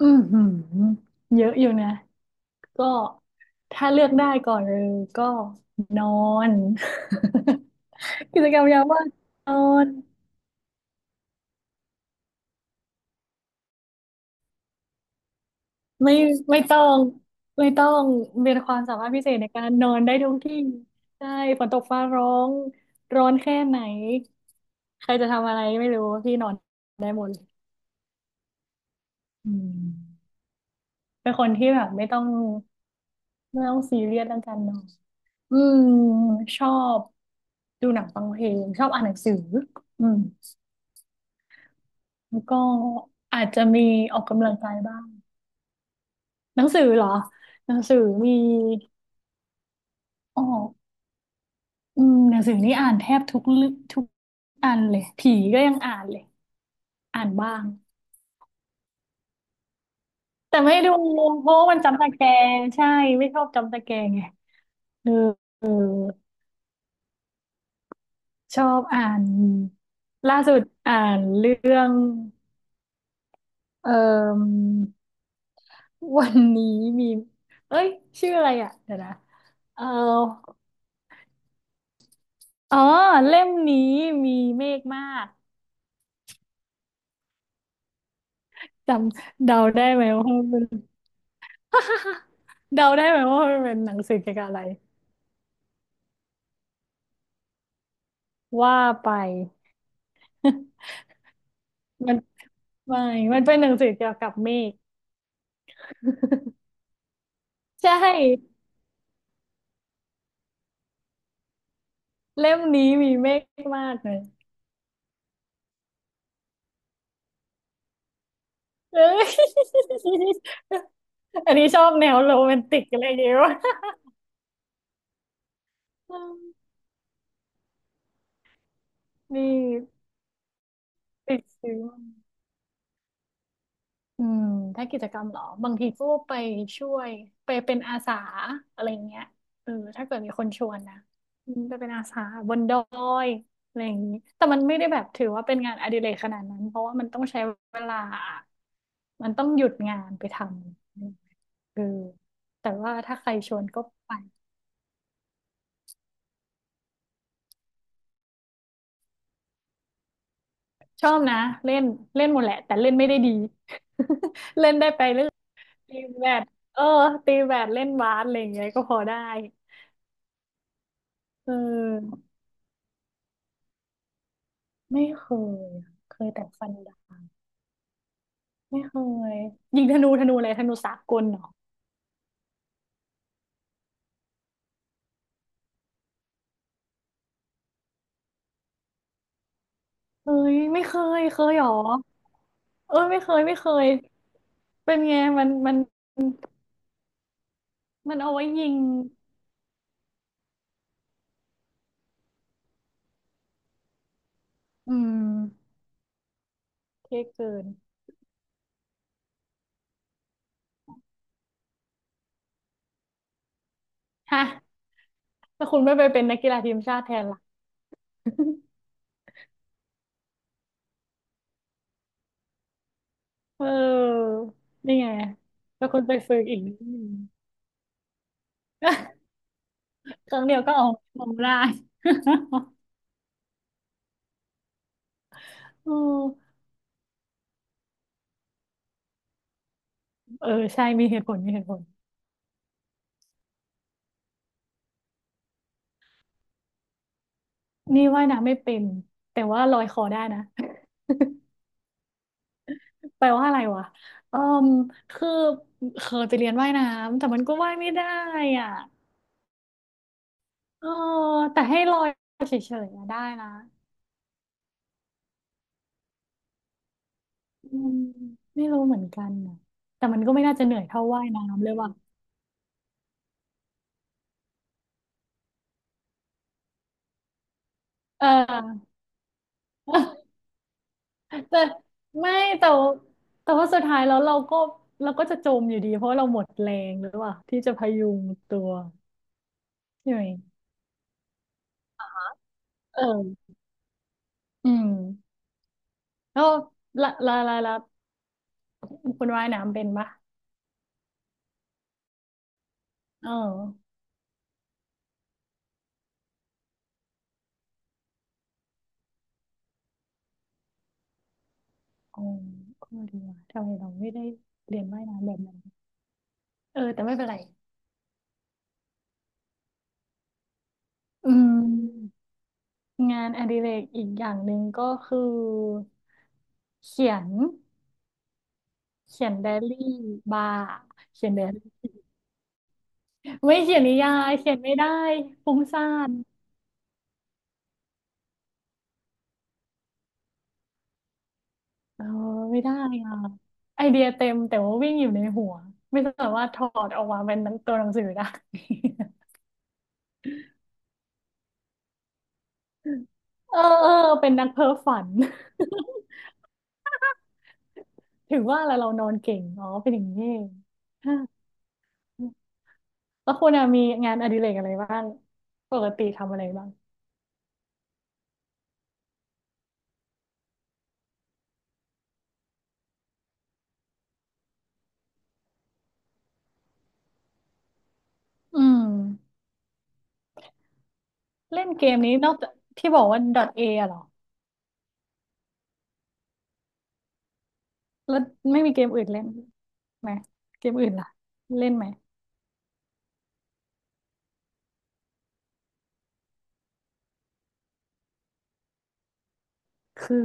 อือหือเยอะอยู่นะก็ถ้าเลือกได้ก่อนเลยก็นอน กิจกรรมยามว่างนอนไม่ไม่ต้องไม่ต้องเป็นความสามารถพิเศษในการนอนได้ทุกที่ใช่ฝนตกฟ้าร้องร้อนแค่ไหนใครจะทำอะไรไม่รู้พี่นอนได้หมดเลยอืมเป็นคนที่แบบไม่ต้องซีเรียสเรื่องการนอนอืมชอบดูหนังฟังเพลงชอบอ่านหนังสืออืม แล้วก็อาจจะมีออกกำลังกายบ้างหนังสือเหรอหนังสือมีออกอืมหนังสือนี่อ่านแทบทุกเรื่องทุกอันเลยผีก็ยังอ่านเลยอ่านบ้างแต่ไม่ดูเพราะว่ามันจำตะแกรงใช่ไม่ชอบจำตะแกรงไงเออเออชอบอ่านล่าสุดอ่านเรื่องเอ่อวันนี้มีเอ้ยชื่ออะไรอ่ะเดี๋ยวนะเออ อ๋อเล่มนี้มีเมฆมากจำเดาได้ไหมว่ามันเป็น เดาได้ไหมว่ามันเป็นหนังสือเกี่ยวกับอะไรว่าไป มันไม่มันเป็นหนังสือเกี่ยวกับเมฆ ใช่เล่มนี้มีเมฆมากเลย เอ้ย อันนี้ชอบแนวโรแมนติกอะไรอย่างเงี้ยวะ นี่ติดซื้อ อืมถ้ากิจกรรมเหรอบางทีก็ไปช่วยไปเป็นอาสาอะไรอย่างเงี้ยเออถ้าเกิดมีคนชวนนะอืมไปเป็นอาสาบนดอยอะไรอย่างนี้แต่มันไม่ได้แบบถือว่าเป็นงานอดิเรกขนาดนั้นเพราะว่ามันต้องใช้เวลามันต้องหยุดงานไปทำเออแต่ว่าถ้าใครชวนก็ไปชอบนะเล่นเล่นหมดแหละแต่เล่นไม่ได้ดี เล่นได้ไปเล่นตีแบดเออตีแบดเล่นบาสอะไรอย่างเงี้ยก็พอได้เออ ไม่เคยอะเคยแต่ฟันดาบไม่เคยยิงธนูธนูอะไรธนูสากลเหรอเอ้ยไม่เคยเคยเหรอเอ้ยไม่เคยเป็นไงมันมันเอาไว้ยิงอืมเท่เกินฮะแล้วคุณไม่ไปเป็นนักกีฬาทีมชาติแทนล่ะเออนี่ไงแล้วคุณไปฝึกอีกนิดนึงครั้งเดียวก็เอาลงได้ เออเออใช่มีเหตุผลมีเหตุผลนี่ว่ายน้ำไม่เป็นแต่ว่าลอยคอได้นะ แปลว่าอะไรวะเออมคือเคยไปเรียนว่ายน้ำแต่มันก็ว่ายไม่ได้อ่ะเออแต่ให้ลอยเฉยๆอะได้นะอืมไม่รู้เหมือนกันนะแต่มันก็ไม่น่าจะเหนื่อยเท่าว่ายน้ำเลยว่ะเออ แต่ไม่แต่วแต่ว่าสุดท้ายแล้วเราก็เราก็จะจมอยู่ดีเพราะเราหมดแรงหรือเปล่าที่จะพยุงตัวใช่ไหมเอออืมแล้วละคุณว่ายน้ำเป็นปะเออ อ๋อก็ดีว่ะทำไมเราไม่ได้เรียนว่ายน้ำแบบนั้นเออแต่ไม่เป็นไรอืมงานอดิเรกอีกอย่างหนึ่งก็คือเขียนเขียนไดอารี่บาร์เขียนไดอารี่ไม่เขียนนิยายเขียนไม่ได้ฟุ้งซ่านเออไม่ได้อ่ะไอเดียเต็มแต่ว่าวิ่งอยู่ในหัวไม่สามารถถอดออกมาเป็นหนังตัวหนังสือได้ เออเออเป็นนักเพ้อฝัน ถึงว่าแล้วเรานอนเก่งอ๋อเป็นอย่างนี้เองฮะแล้วคุณอะมีงานอดิเรกอะไรบ้างปกติทำอะไรบ้างอืมเล่นเกมนี้นอกจากที่บอกว่า dot .a อะเหรอแล้วไม่มีเกมอื่นเล่นไหมเกมอื่นล่ะเล่นไหมคือ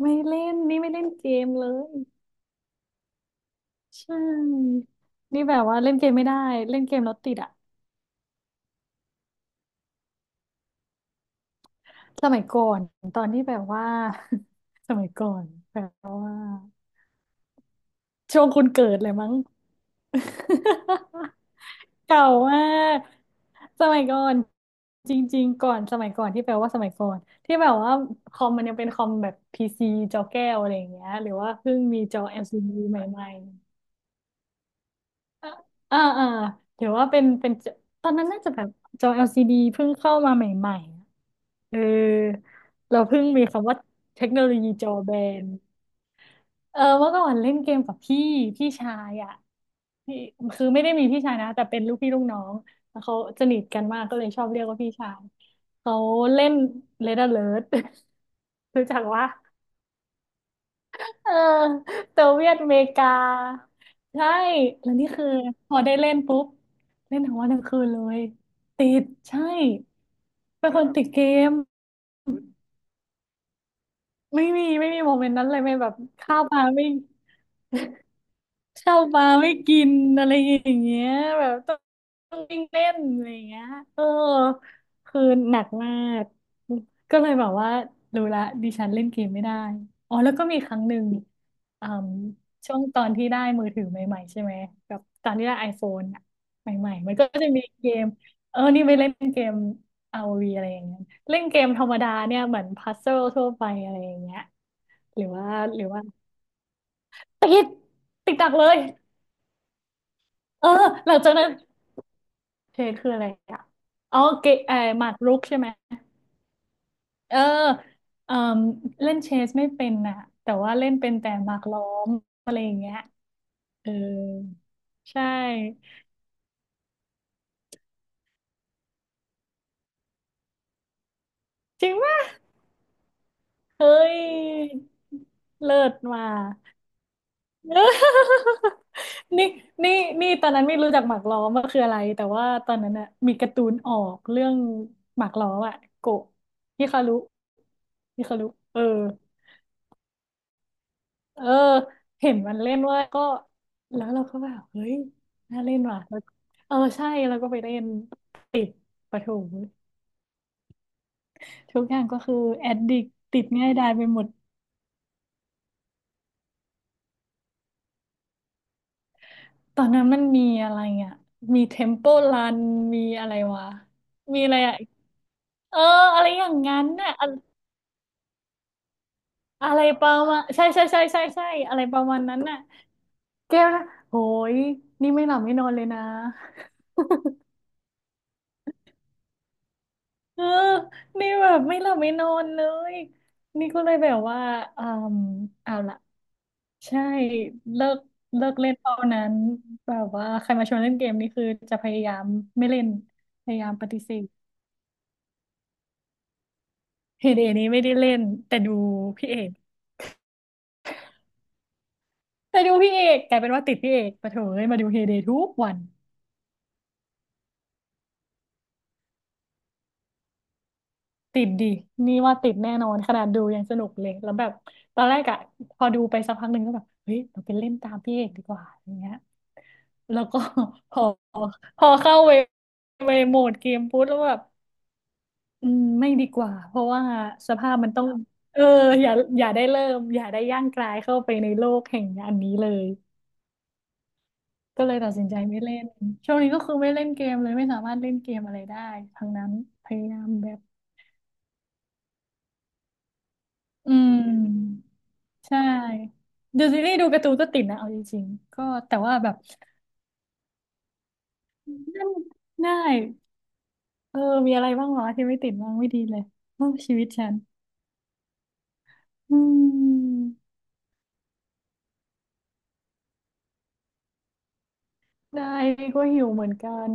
ไม่เล่นนี่ไม่เล่นเกมเลยใช่นี่แบบว่าเล่นเกมไม่ได้เล่นเกมแล้วติดอะสมัยก่อนตอนที่แบบว่า สมัยก่อนแบบว่าช่วงคุณเกิดเลยมั้ง เก่ามากสมัยก่อนจริงๆก่อนสมัยก่อนที่แปลว่าสมัยก่อนที่แบบว่าคอมมันยังเป็นคอมแบบพีซีจอแก้วอะไรอย่างเงี้ยหรือว่าเพิ่งมีจอ LCD ใหม่ๆอ่าอ่าหรือว่าเป็นเป็นจอตอนนั้นน่าจะแบบจอ LCD เพิ่งเข้ามาใหม่ๆเออเราเพิ่งมีคำว่าเทคโนโลยีจอแบน เออเมื่อก่อนเล่นเกมกับพี่พี่ชายอ่ะพี่คือไม่ได้มีพี่ชายนะแต่เป็นลูกพี่ลูกน้องแล้วเขาสนิทกันมากก็เลยชอบเรียกว่าพี่ชายเขาเล่น Red Alert รู้จักว่าเออโซเวียตอเมริกาใช่แล้วนี่คือพอได้เล่นปุ๊บเล่นทั้งวันทั้งคืนเลยติดใช่เป็นคนติดเกมไม่มีไม่มีโมเมนต์นั้นเลยไม่แบบข้าวปลาไม่ เช่ามาไม่กินอะไรอย่างเงี้ยแบบต้องวิ่งเล่นอะไรอย่างเงี้ยเออคือหนักมากก็เลยแบบว่ารู้ละดิฉันเล่นเกมไม่ได้อ๋อแล้วก็มีครั้งหนึ่งอืมช่วงตอนที่ได้มือถือใหม่ๆใช่ไหมกับตอนที่ได้ไอโฟนอะใหม่ๆมันก็จะมีเกมเออนี่ไปเล่นเกม r o ีอะไรอย่างเงี้ยเล่นเกมธรรมดาเนี่ยเหมือนพัซเซิลทั่วไปอะไรอย่างเงี้ยหรือว่าหรือว่าติดติดดักเลย เออหลังจากนั้นเทคืออะไรอ่ะอ๋อเกหมากรุกใช่ไหมเออเล่นเชสไม่เป็นน่ะแต่ว่าเล่นเป็นแต่หมากล้อมอะไรอย่างเงี้ยเออใช่จริงว่าเฮ้ยเลิศมาเออ นี่นี่นี่ตอนนั้นไม่รู้จักหมากล้อมว่าคืออะไรแต่ว่าตอนนั้นน่ะมีการ์ตูนออกเรื่องหมากล้อมอะโกะฮิคารุฮิคารุเออ เออเห็นมันเล่นเว่าก็แล้วเราก็แบบเฮ้ยน่าเล่นว่ะแล้วเออใช่แล้วก็ไปเล่นติดปะโถทุกอย่างก็คือแอดดิกติดง่ายดายไปหมดตอนนั้นมันมีอะไรอ่ะมีเทม p ป e รันมีอะไรวะมีอะไรอ่ะเอออะไรอย่างงั้นน่ะอะอะไรประมาณใช่อะไรประมาณนั้นน่ะแก้วนะโหยนี่ไม่หลับไม่นอนเลยนะ เออนี่แบบไม่หลับไม่นอนเลยนี่ก็เลยแบบว่าอืมเอาล่ะใช่เลิกเล่นเอ่านั้นแบบว่าใครมาชวนเล่นเกมนี่คือจะพยายามไม่เล่นพยายามปฏิเสธเฮเดนี้ไม่ได้เล่นแต่ดูพี่เอกแต่ดูพี่เอกกลายเป็นว่าติดพี่เอกปะเถเอ้ยมาดูเฮเดทุกวันติดดินี่ว่าติดแน่นอนขนาดดูยังสนุกเลยแล้วแบบตอนแรกอะพอดูไปสักพักหนึ่งก็แบบเฮ้ยเราไปเล่นตามพี่เอกดีกว่าอย่างเงี้ย แล้วก็ พอพอเข้าเวโหมดเกมปุ๊บแล้วแบบอืมไม่ดีกว่าเพราะว่าสภาพมันต้องเอออย่าอย่าได้เริ่มอย่าได้ย่างกรายเข้าไปในโลกแห่งอันนี้เลยก็เลยตัดสินใจไม่เล่นช่วงนี้ก็คือไม่เล่นเกมเลยไม่สามารถเล่นเกมอะไรได้ทั้งนั้นพยายามแบบอืมใช่ดูซีรีส์ดูการ์ตูนก็ติดนะเอาจริงๆก็แต่ว่าแบบนั่นได้เออมีอะไรบ้างวะที่ไม่ติดบ้างไม่ดีเลยโอ้ชีวิตฉัน อืมได้ก็หิวเหมือนกัน